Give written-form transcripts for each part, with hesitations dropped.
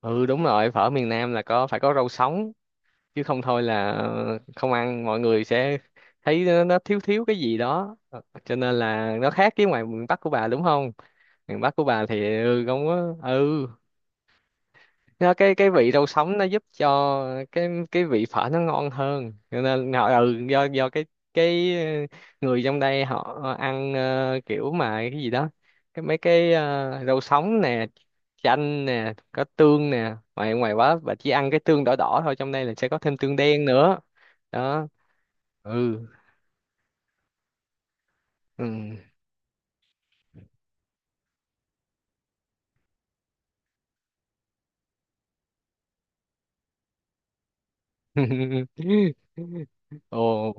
Ừ, đúng rồi. Phở miền Nam là có, phải có rau sống, chứ không thôi là không ăn mọi người sẽ thấy nó thiếu thiếu cái gì đó. Ờ, cho nên là nó khác với ngoài miền Bắc của bà, đúng không? Miền Bắc của bà thì không có. Ừ nó cái vị rau sống nó giúp cho cái vị phở nó ngon hơn. Cho nên họ, do cái người trong đây họ ăn, kiểu mà cái gì đó, mấy cái rau sống nè, chanh nè, có tương nè, ngoài ngoài quá. Và chỉ ăn cái tương đỏ đỏ thôi, trong đây là sẽ có thêm tương đen nữa đó. Ừ. Ừ. Ồ,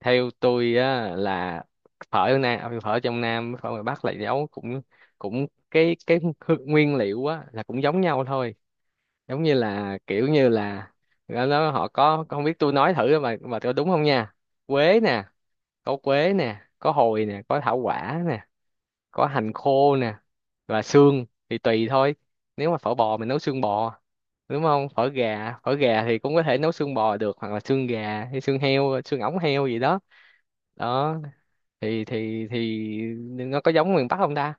theo tôi á là phở ở nam, à, phở trong nam với phở ngoài bắc là nấu cũng cũng nguyên liệu á là cũng giống nhau thôi. Giống như là kiểu như là họ có, không biết tôi nói thử mà tôi đúng không nha. Quế nè, có quế nè, có hồi nè, có thảo quả nè, có hành khô nè, và xương thì tùy thôi. Nếu mà phở bò mình nấu xương bò, đúng không? Phở gà, phở gà thì cũng có thể nấu xương bò được, hoặc là xương gà hay xương heo, xương ống heo gì đó, đó. Thì nó có giống miền Bắc không ta?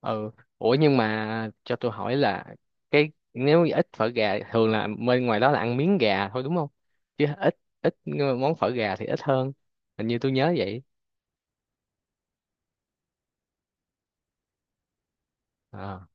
Ừ. Ủa, nhưng mà cho tôi hỏi là cái, nếu như ít phở gà, thường là bên ngoài đó là ăn miếng gà thôi, đúng không? Chứ ít ít món phở gà thì ít hơn, hình như tôi nhớ vậy. À.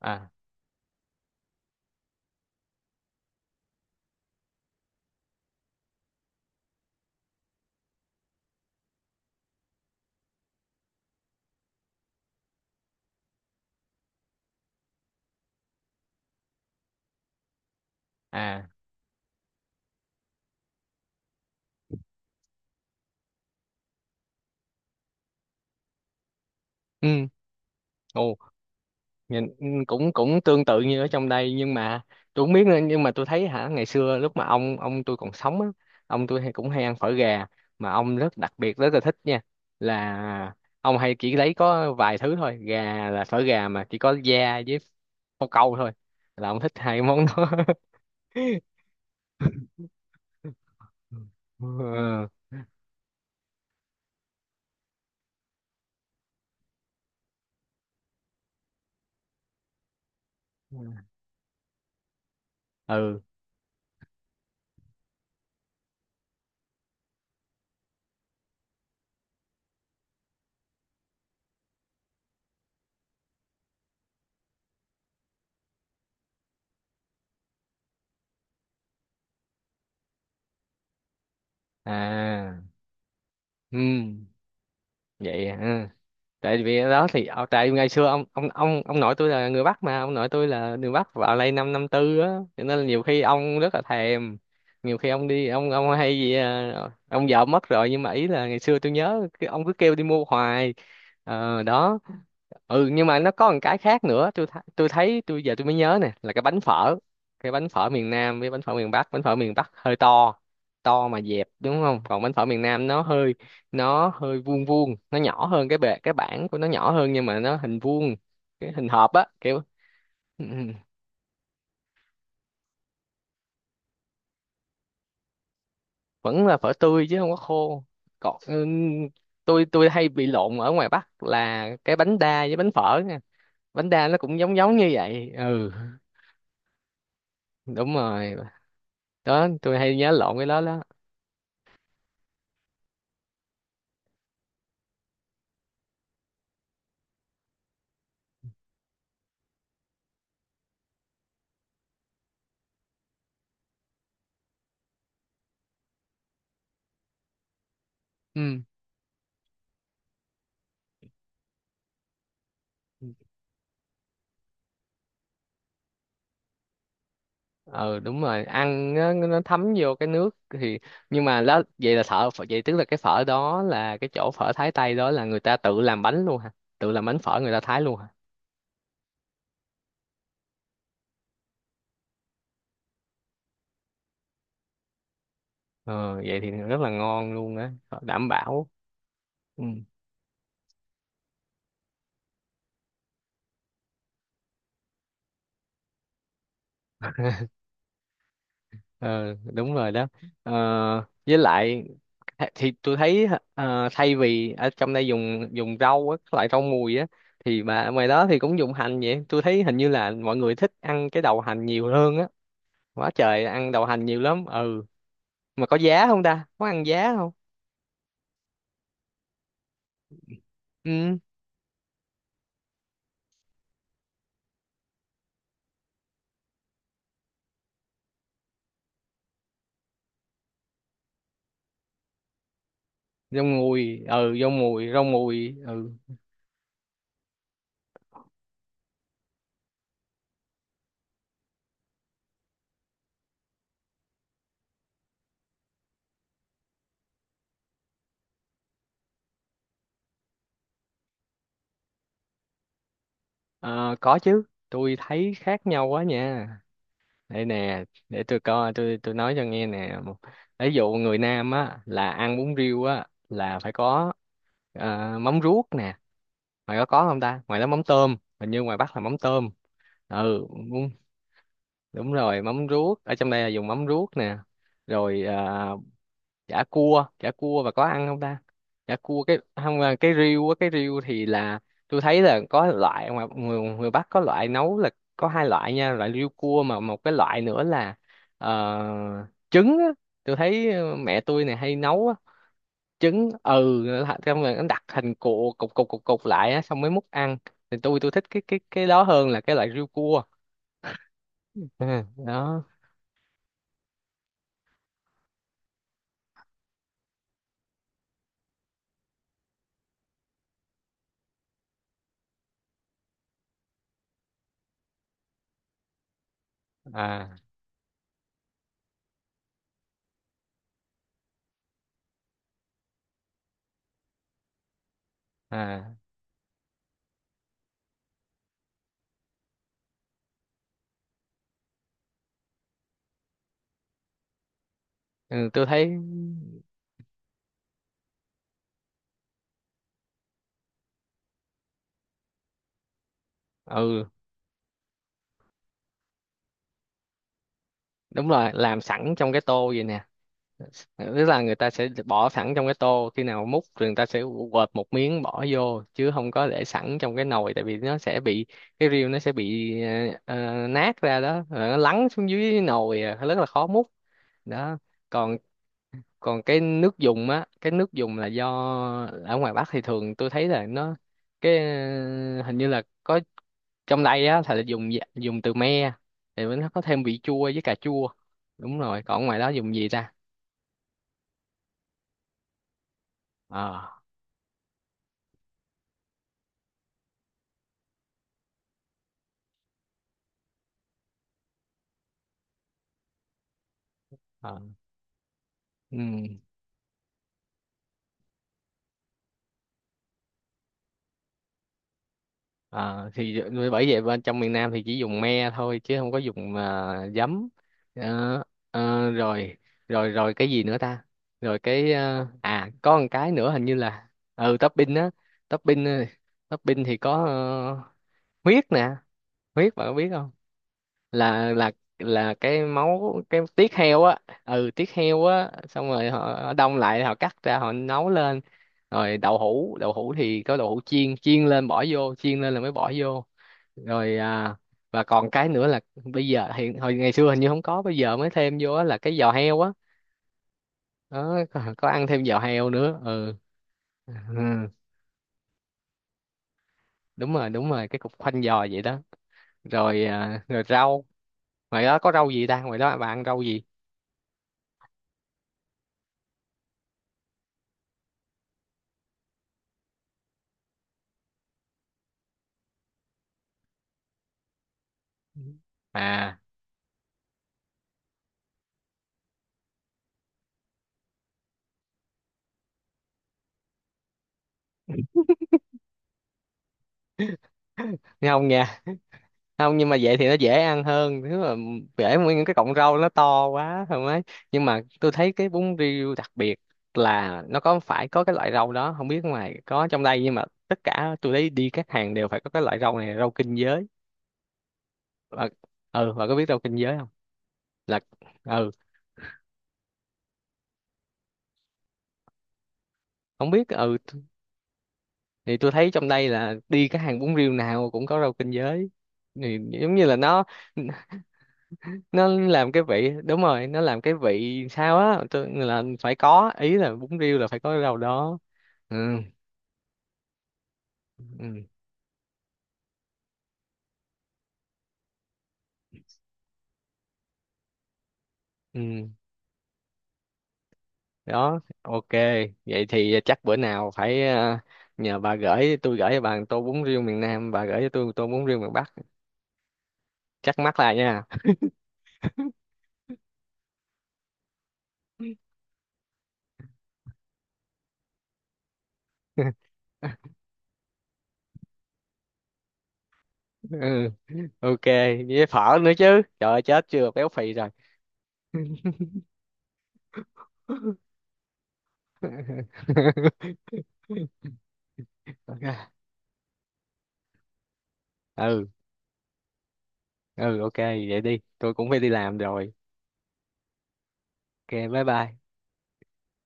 À. À. Ừ. Ồ. Nhìn, cũng cũng tương tự như ở trong đây. Nhưng mà tôi không biết nữa, nhưng mà tôi thấy hả, ngày xưa lúc mà ông tôi còn sống á, ông tôi hay cũng hay ăn phở gà, mà ông rất đặc biệt, rất là thích nha. Là ông hay chỉ lấy có vài thứ thôi, gà là phở gà mà chỉ có da với phao câu thôi, là ông thích hai món đó. Ừ. Ừ. À. Ừ. Ừ, vậy hả? Tại vì đó thì, tại ngày xưa ông nội tôi là người Bắc, mà ông nội tôi là người Bắc vào đây năm 54 á. Cho nên là nhiều khi ông rất là thèm, nhiều khi ông đi, ông hay gì à, ông vợ mất rồi, nhưng mà ý là ngày xưa tôi nhớ cái ông cứ kêu đi mua hoài. Ờ, đó. Ừ, nhưng mà nó có một cái khác nữa tôi tôi thấy, giờ tôi mới nhớ nè, là Cái bánh phở miền Nam với bánh phở miền Bắc, bánh phở miền Bắc hơi to, to mà dẹp, đúng không? Còn bánh phở miền Nam nó hơi, vuông vuông, nó nhỏ hơn, cái bề cái bảng của nó nhỏ hơn, nhưng mà nó hình vuông, cái hình hộp á, kiểu. ừ, ừ, Vẫn là phở tươi chứ không có khô. Còn tôi hay bị lộn ở ngoài Bắc là cái bánh đa với bánh phở nha, bánh đa nó cũng giống giống như vậy. Ừ, đúng rồi đó, tôi hay nhớ lộn cái đó đó. Ừ. Ờ, đúng rồi, ăn nó thấm vô cái nước thì, nhưng mà đó, vậy là vậy tức là cái phở đó, là cái chỗ phở Thái Tây đó là người ta tự làm bánh luôn hả? Tự làm bánh phở người ta thái luôn hả? Ờ, vậy thì rất là ngon luôn á, đảm bảo. Ừ. Ờ, đúng rồi đó. Ờ, với lại, thì tôi thấy, thay vì ở trong đây dùng dùng rau á, các loại rau mùi á, thì mà ở ngoài đó thì cũng dùng hành. Vậy tôi thấy hình như là mọi người thích ăn cái đầu hành nhiều hơn á, quá trời ăn đầu hành nhiều lắm. Ừ. Mà có giá không ta? Có ăn giá không? Ừ, rau mùi. Ừ, rau mùi, rau mùi. Ừ. Ờ, có chứ, tôi thấy khác nhau quá nha. Đây nè, để tôi coi, tôi nói cho nghe nè. Ví dụ người Nam á là ăn bún riêu á là phải có, mắm ruốc nè. Ngoài đó có không ta? Ngoài đó mắm tôm, hình như ngoài Bắc là mắm tôm. Ừ, đúng, đúng rồi, mắm ruốc, ở trong đây là dùng mắm ruốc nè. Rồi à, chả cua, chả cua, và có ăn không ta? Chả cua cái không à, cái riêu á, cái riêu thì là, tôi thấy là có loại, ngoài người Bắc có loại nấu là, có hai loại nha, loại riêu cua, mà một cái loại nữa là trứng á. Tôi thấy mẹ tôi này hay nấu trứng, xong rồi nó đặt thành cục cục cục cục cục lại á, xong mới múc ăn. Thì tôi thích cái đó hơn là cái loại riêu cua. Ừ, đó. À. À. Ừ, tôi thấy. Ừ, đúng rồi, làm sẵn trong cái tô vậy nè, tức là người ta sẽ bỏ sẵn trong cái tô, khi nào múc thì người ta sẽ quệt một miếng bỏ vô, chứ không có để sẵn trong cái nồi, tại vì nó sẽ bị cái riêu nó sẽ bị nát ra đó, rồi nó lắng xuống dưới nồi, à, rất là khó múc đó. Còn còn cái nước dùng á, cái nước dùng là do ở ngoài Bắc thì thường tôi thấy là nó, hình như là có, trong đây á thì là dùng dùng từ me, thì nó có thêm vị chua với cà chua. Đúng rồi, còn ngoài đó dùng gì ta? Ờ. Ờ. Ừ. Ờ, thì bởi vậy bên trong miền Nam thì chỉ dùng me thôi, chứ không có dùng à, giấm. Ờ. Ờ, rồi. Rồi cái gì nữa ta? Rồi cái, có một cái nữa hình như là, topping á. Topping, topping thì có, huyết nè. Huyết bạn có biết không? Là là là cái máu, cái tiết heo á. Ừ, tiết heo á, xong rồi họ đông lại, họ cắt ra, họ nấu lên. Rồi đậu hũ, đậu hũ thì có đậu hũ chiên, chiên lên bỏ vô, chiên lên là mới bỏ vô. Rồi à, và còn cái nữa là bây giờ hiện, hồi ngày xưa hình như không có, bây giờ mới thêm vô á, là cái giò heo á. Đó, có ăn thêm giò heo nữa. Ừ. Ừ, đúng rồi, đúng rồi, cái cục khoanh giò vậy đó. Rồi à, rồi rau, ngoài đó có rau gì ta? Ngoài đó bà ăn rau gì? À, nghe không? Nghe không? Nhưng mà vậy thì nó dễ ăn hơn, thứ mà dễ mua, những cái cọng rau nó to quá không ấy. Nhưng mà tôi thấy cái bún riêu đặc biệt là nó có phải có cái loại rau đó, không biết ngoài có, trong đây nhưng mà tất cả tôi thấy đi các hàng đều phải có cái loại rau này, rau kinh giới. Và ừ và có biết rau kinh giới không? Là. Ừ, không biết. Ừ, thì tôi thấy trong đây là đi các hàng bún riêu nào cũng có rau kinh giới, thì giống như là nó làm cái vị, đúng rồi, nó làm cái vị sao á, tôi là phải có, ý là bún riêu là phải có cái rau đó. Ừ. Ừ. Ừ, đó, ok. Vậy thì chắc bữa nào phải, nhờ bà gửi tôi, gửi cho bà một tô bún riêu miền Nam, bà gửi cho tôi một tô bún riêu miền Bắc, chắc mắc lại nha. Ừ, ok, với phở nữa chứ, trời ơi, chết, chưa béo phì rồi. Ok. Ừ. Ừ, ok, vậy đi, tôi cũng phải đi làm rồi. Ok, bye bye.